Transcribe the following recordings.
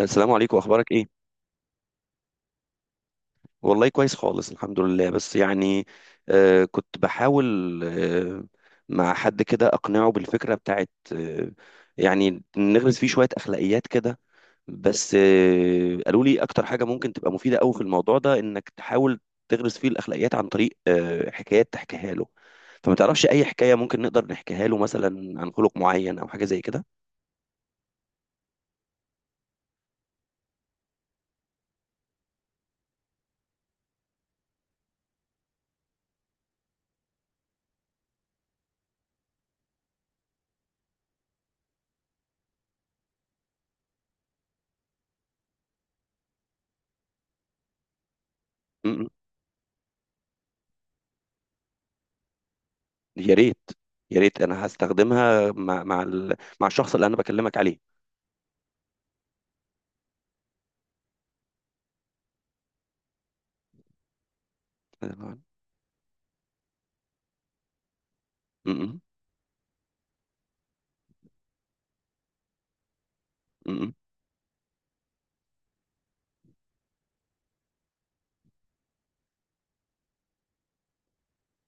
السلام عليكم، اخبارك ايه؟ والله كويس خالص الحمد لله. بس يعني كنت بحاول مع حد كده اقنعه بالفكره بتاعت يعني نغرس فيه شويه اخلاقيات كده. بس قالوا لي اكتر حاجه ممكن تبقى مفيده قوي في الموضوع ده، انك تحاول تغرس فيه الاخلاقيات عن طريق حكايات تحكيها له. فما تعرفش اي حكايه ممكن نقدر نحكيها له مثلا عن خلق معين او حاجه زي كده؟ م. يا ريت، يا ريت انا هستخدمها مع الشخص اللي انا بكلمك عليه. م-م. م-م.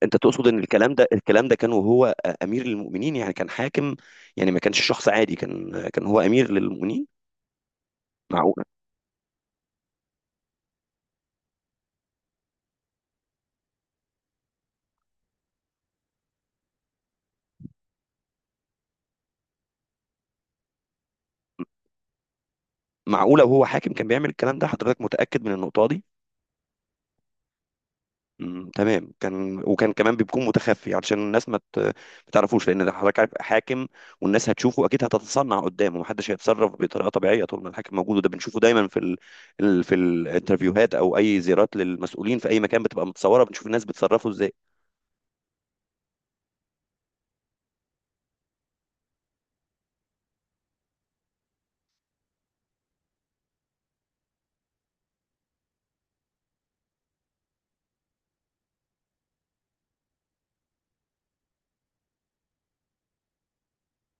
انت تقصد ان الكلام ده كان وهو امير للمؤمنين، يعني كان حاكم، يعني ما كانش شخص عادي، كان هو امير للمؤمنين. معقوله؟ معقوله وهو حاكم كان بيعمل الكلام ده؟ حضرتك متاكد من النقطه دي؟ مم. تمام. كان وكان كمان بيكون متخفي علشان الناس ما تعرفوش، لان ده حضرتك عارف حاكم، والناس هتشوفه اكيد، هتتصنع قدامه، محدش هيتصرف بطريقه طبيعيه طول ما الحاكم موجود، وده بنشوفه دايما في الانترفيوهات او اي زيارات للمسؤولين في اي مكان بتبقى متصوره، بنشوف الناس بتصرفوا ازاي.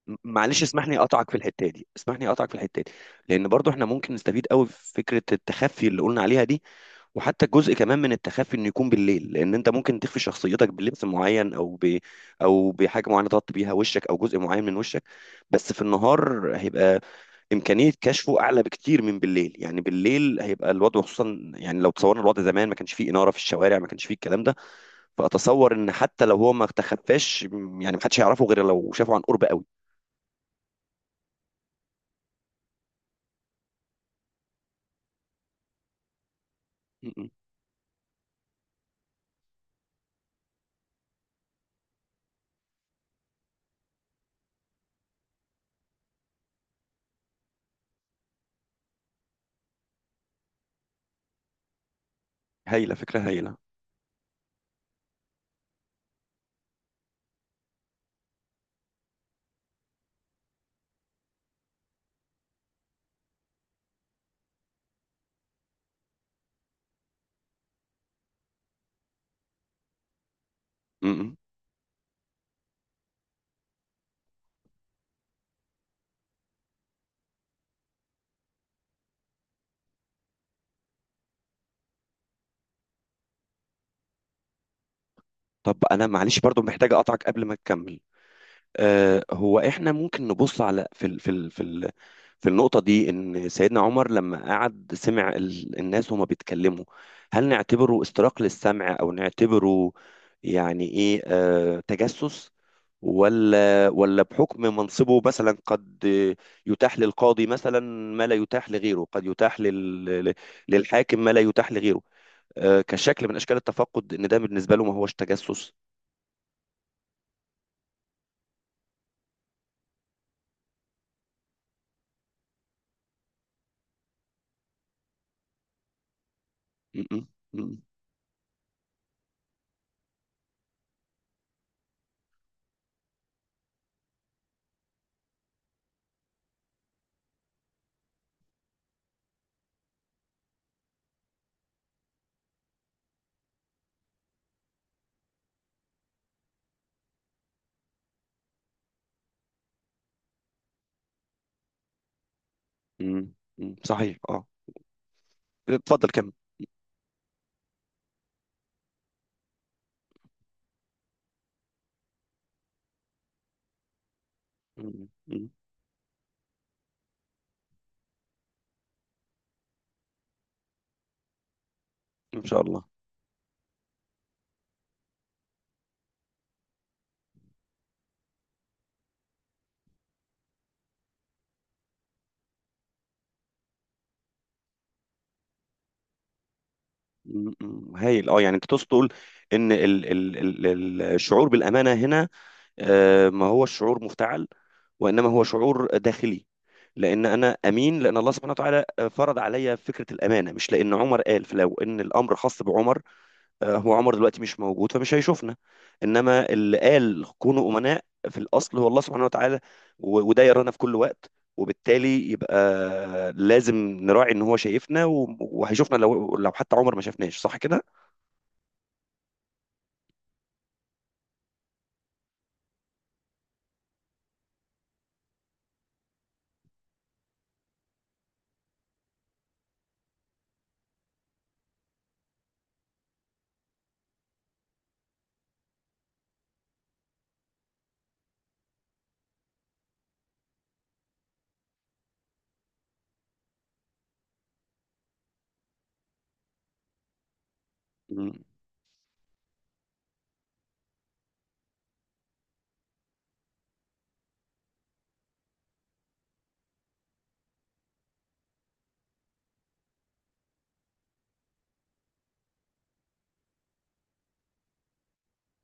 معلش اسمح لي اقطعك في الحته دي، اسمح لي اقطعك في الحته دي، لان برضو احنا ممكن نستفيد قوي في فكره التخفي اللي قلنا عليها دي، وحتى جزء كمان من التخفي انه يكون بالليل، لان انت ممكن تخفي شخصيتك بلبس معين او بحاجه معينه تغطي بيها وشك او جزء معين من وشك. بس في النهار هيبقى امكانيه كشفه اعلى بكتير من بالليل، يعني بالليل هيبقى الوضع، خصوصا يعني لو تصورنا الوضع زمان، ما كانش فيه اناره في الشوارع، ما كانش فيه الكلام ده. فاتصور ان حتى لو هو ما تخفاش، يعني ما حدش هيعرفه غير لو شافه عن قرب قوي. هايلة فكرة هايلة. م-م. طب أنا معلش برضو محتاج أقطعك قبل ما تكمل. هو إحنا ممكن نبص على في ال في ال في ال في النقطة دي، إن سيدنا عمر لما قعد سمع الناس وهما بيتكلموا، هل نعتبره استراق للسمع أو نعتبره، يعني إيه، تجسس؟ ولا بحكم منصبه، مثلا قد يتاح للقاضي مثلا ما لا يتاح لغيره، قد يتاح للحاكم ما لا يتاح لغيره، كشكل من اشكال التفقد، ان ده بالنسبه له ما هوش تجسس. م- م-. م- م-. صحيح، اه. اتفضل كمل. م- م-. ان شاء الله. م- م-. هايل، اه. يعني انت تقصد تقول ان الشعور بالامانه هنا، ما هو الشعور مفتعل وانما هو شعور داخلي، لان انا امين لان الله سبحانه وتعالى فرض عليا فكره الامانه، مش لان عمر قال. فلو ان الامر خاص بعمر، هو عمر دلوقتي مش موجود، فمش هيشوفنا. انما اللي قال كونوا امناء في الاصل هو الله سبحانه وتعالى، وده يرانا في كل وقت، وبالتالي يبقى لازم نراعي ان هو شايفنا، وهيشوفنا لو حتى عمر ما شافناش، صح كده؟ مم.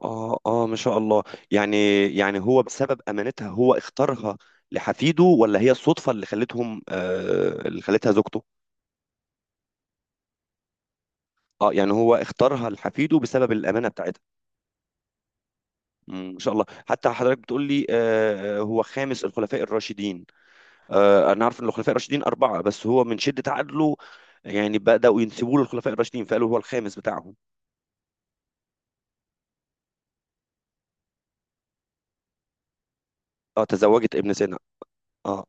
اه، اه، ما شاء الله. يعني، يعني هو بسبب امانتها هو اختارها لحفيده، ولا هي الصدفة اللي خلتهم، اللي خلتها زوجته؟ اه، يعني هو اختارها لحفيده بسبب الامانة بتاعتها. مم، ان شاء الله. حتى حضرتك بتقول لي هو خامس الخلفاء الراشدين. انا عارف ان الخلفاء الراشدين اربعه، بس هو من شده عدله يعني بداوا ينسبوه للخلفاء الراشدين فقالوا هو الخامس بتاعهم. اه، تزوجت ابن سينا. اه،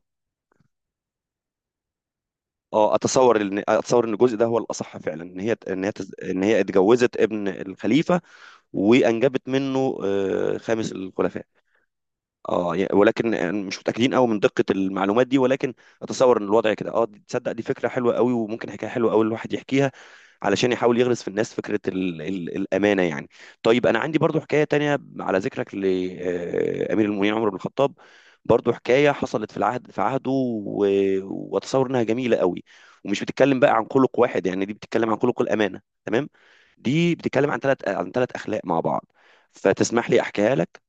اه، اتصور ان الجزء ده هو الاصح فعلا، ان هي اتجوزت ابن الخليفه، وانجبت منه خامس الخلفاء. اه، ولكن يعني مش متاكدين قوي من دقه المعلومات دي، ولكن اتصور ان الوضع كده. اه، تصدق دي فكره حلوه قوي، وممكن حكايه حلوه قوي الواحد يحكيها علشان يحاول يغرس في الناس فكره ال ال الامانه يعني. طيب انا عندي برضو حكايه تانية على ذكرك لامير المؤمنين عمر بن الخطاب، برضو حكايه حصلت في العهد في عهده، واتصور انها جميله قوي، ومش بتتكلم بقى عن خلق واحد يعني، دي بتتكلم عن خلق الامانه، تمام؟ دي بتتكلم عن ثلاث اخلاق مع بعض، فتسمح لي احكيها لك؟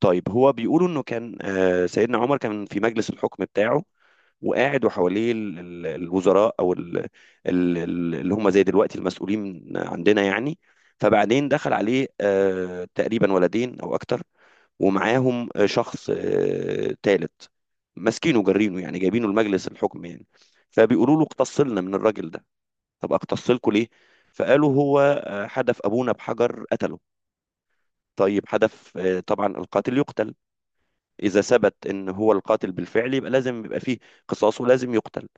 طيب هو بيقولوا انه كان سيدنا عمر كان في مجلس الحكم بتاعه، وقاعد وحواليه الوزراء او اللي هم زي دلوقتي المسؤولين عندنا يعني. فبعدين دخل عليه تقريبا ولدين او اكتر، ومعاهم شخص تالت، ماسكينه جارينه يعني، جايبينه لمجلس الحكم يعني. فبيقولوا له اقتصلنا من الراجل ده. طب اقتصلكوا ليه؟ فقالوا هو حدف ابونا بحجر قتله. طيب حدف، طبعا القاتل يقتل إذا ثبت إن هو القاتل بالفعل، يبقى لازم يبقى فيه قصاص ولازم يقتل.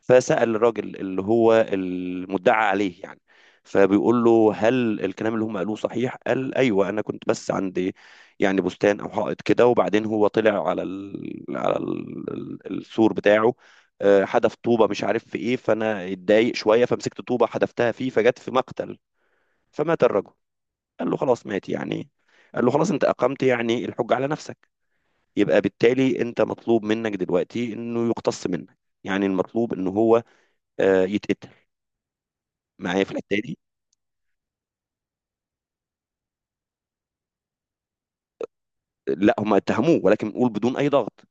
فسأل الراجل اللي هو المدعى عليه يعني، فبيقول له هل الكلام اللي هم قالوه صحيح؟ قال أيوه، أنا كنت بس عندي يعني بستان أو حائط كده، وبعدين هو طلع السور بتاعه، حدف طوبة مش عارف في إيه، فأنا اتضايق شوية فمسكت طوبة حدفتها فيه فجت في مقتل فمات الرجل. قال له خلاص مات يعني. قال له خلاص، أنت أقمت يعني الحجة على نفسك، يبقى بالتالي انت مطلوب منك دلوقتي انه يقتص منك، يعني المطلوب ان هو يتقتل. معايا في الحته دي؟ لا، هم اتهموه ولكن نقول بدون اي ضغط.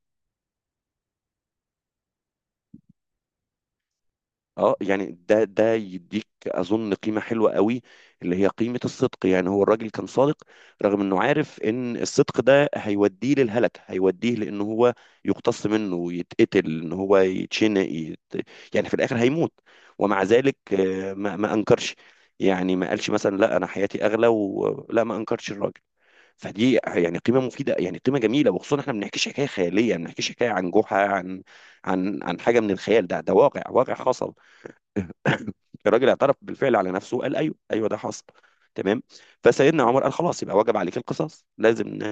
اه، يعني ده يديك اظن قيمه حلوه قوي، اللي هي قيمه الصدق، يعني هو الراجل كان صادق رغم انه عارف ان الصدق ده هيوديه للهلك، هيوديه لان هو يقتص منه يتقتل ان هو يتشنق يعني في الاخر هيموت. ومع ذلك، ما انكرش. يعني ما قالش مثلا لا انا حياتي اغلى، ولا ما انكرش الراجل. فدي يعني قيمه مفيده يعني قيمه جميله، وخصوصا احنا ما بنحكيش حكايه خياليه، ما بنحكيش حكايه عن جحا، عن حاجه من الخيال، ده واقع واقع حصل. الراجل اعترف بالفعل على نفسه قال ايوه، ايوه، ده حصل. تمام. فسيدنا عمر قال خلاص، يبقى وجب عليك القصاص، لازم ن-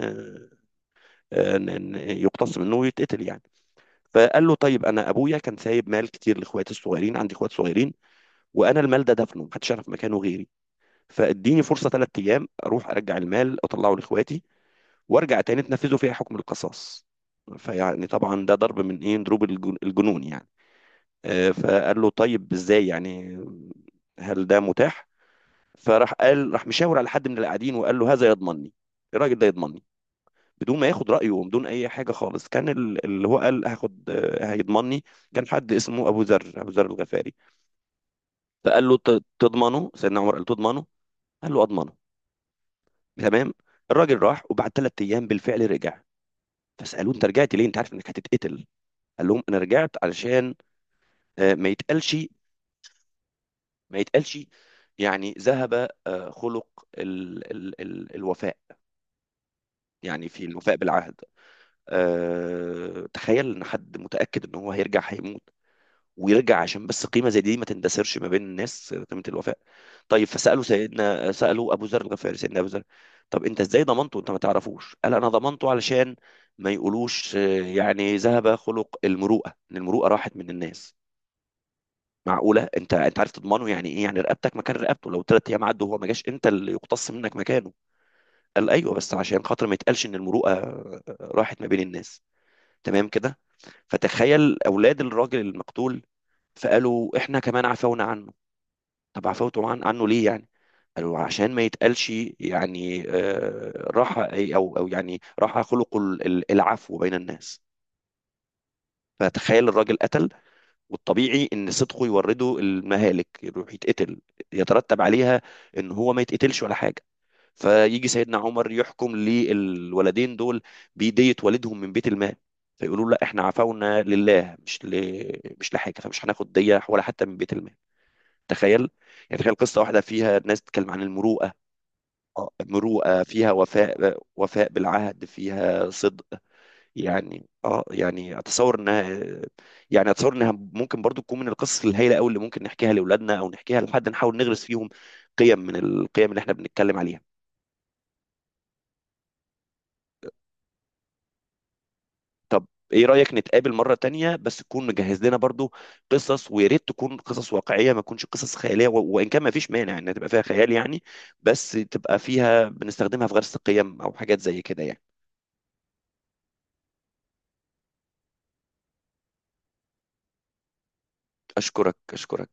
آه، ن- ن- يقتص منه ويتقتل يعني. فقال له طيب انا ابويا كان سايب مال كتير لاخواتي الصغيرين، عندي اخوات صغيرين، وانا المال ده دفنه محدش يعرف مكانه غيري، فاديني فرصه ثلاث ايام اروح ارجع المال اطلعه لاخواتي، وارجع تاني تنفذوا فيها حكم القصاص. فيعني طبعا ده ضرب من ايه، ضروب الجنون يعني. فقال له طيب ازاي يعني؟ هل ده متاح؟ فراح قال راح مشاور على حد من اللي قاعدين وقال له هذا يضمنني، الراجل ده يضمنني، بدون ما ياخد رأيه وبدون أي حاجة خالص، كان اللي هو قال هاخد هيضمنني. كان حد اسمه أبو ذر، أبو ذر الغفاري. فقال له تضمنه؟ سيدنا عمر قال له تضمنه؟ قال له أضمنه. تمام. الراجل راح وبعد ثلاث أيام بالفعل رجع. فسألوه أنت رجعت ليه، أنت عارف إنك هتتقتل؟ قال لهم أنا رجعت علشان ما يتقالش، ما يتقالش، يعني ذهب خلق ال ال ال الوفاء، يعني في الوفاء بالعهد. تخيل ان حد متاكد ان هو هيرجع هيموت، ويرجع عشان بس قيمه زي دي ما تندثرش ما بين الناس، قيمه الوفاء. طيب فسالوا سيدنا، سالوا ابو ذر الغفاري، سيدنا ابو ذر، طب انت ازاي ضمنته انت ما تعرفوش؟ قال انا ضمنته علشان ما يقولوش يعني ذهب خلق المروءه، ان المروءه راحت من الناس. معقوله؟ انت عارف تضمنه يعني ايه؟ يعني رقبتك مكان رقبته، لو ثلاث ايام عدوا وهو ما جاش انت اللي يقتص منك مكانه. قال ايوه، بس عشان خاطر ما يتقالش ان المروءه راحت ما بين الناس. تمام كده. فتخيل أولاد الراجل المقتول، فقالوا إحنا كمان عفونا عنه. طب عفوتوا عنه ليه يعني؟ قالوا عشان ما يتقالش يعني راح أو أو يعني راح خلق العفو بين الناس. فتخيل الراجل قتل، والطبيعي ان صدقه يورده المهالك، يروح يتقتل، يترتب عليها ان هو ما يتقتلش ولا حاجه. فيجي سيدنا عمر يحكم للولدين دول بيدية والدهم من بيت المال، فيقولوا له لا احنا عفونا لله، مش لحاجه، فمش هناخد دية ولا حتى من بيت المال. تخيل، يعني تخيل قصه واحده فيها ناس تتكلم عن المروءه، مروءه فيها، وفاء وفاء بالعهد فيها، صدق. يعني اه، يعني اتصور انها ممكن برضو تكون من القصص الهائله قوي اللي ممكن نحكيها لاولادنا او نحكيها لحد نحاول نغرس فيهم قيم من القيم اللي احنا بنتكلم عليها. طب ايه رأيك نتقابل مرة تانية، بس تكون مجهز لنا برضو قصص، ويا ريت تكون قصص واقعية ما تكونش قصص خيالية، وان كان ما فيش مانع انها تبقى فيها خيال يعني، بس تبقى فيها بنستخدمها في غرس القيم او حاجات زي كده يعني. اشكرك، اشكرك.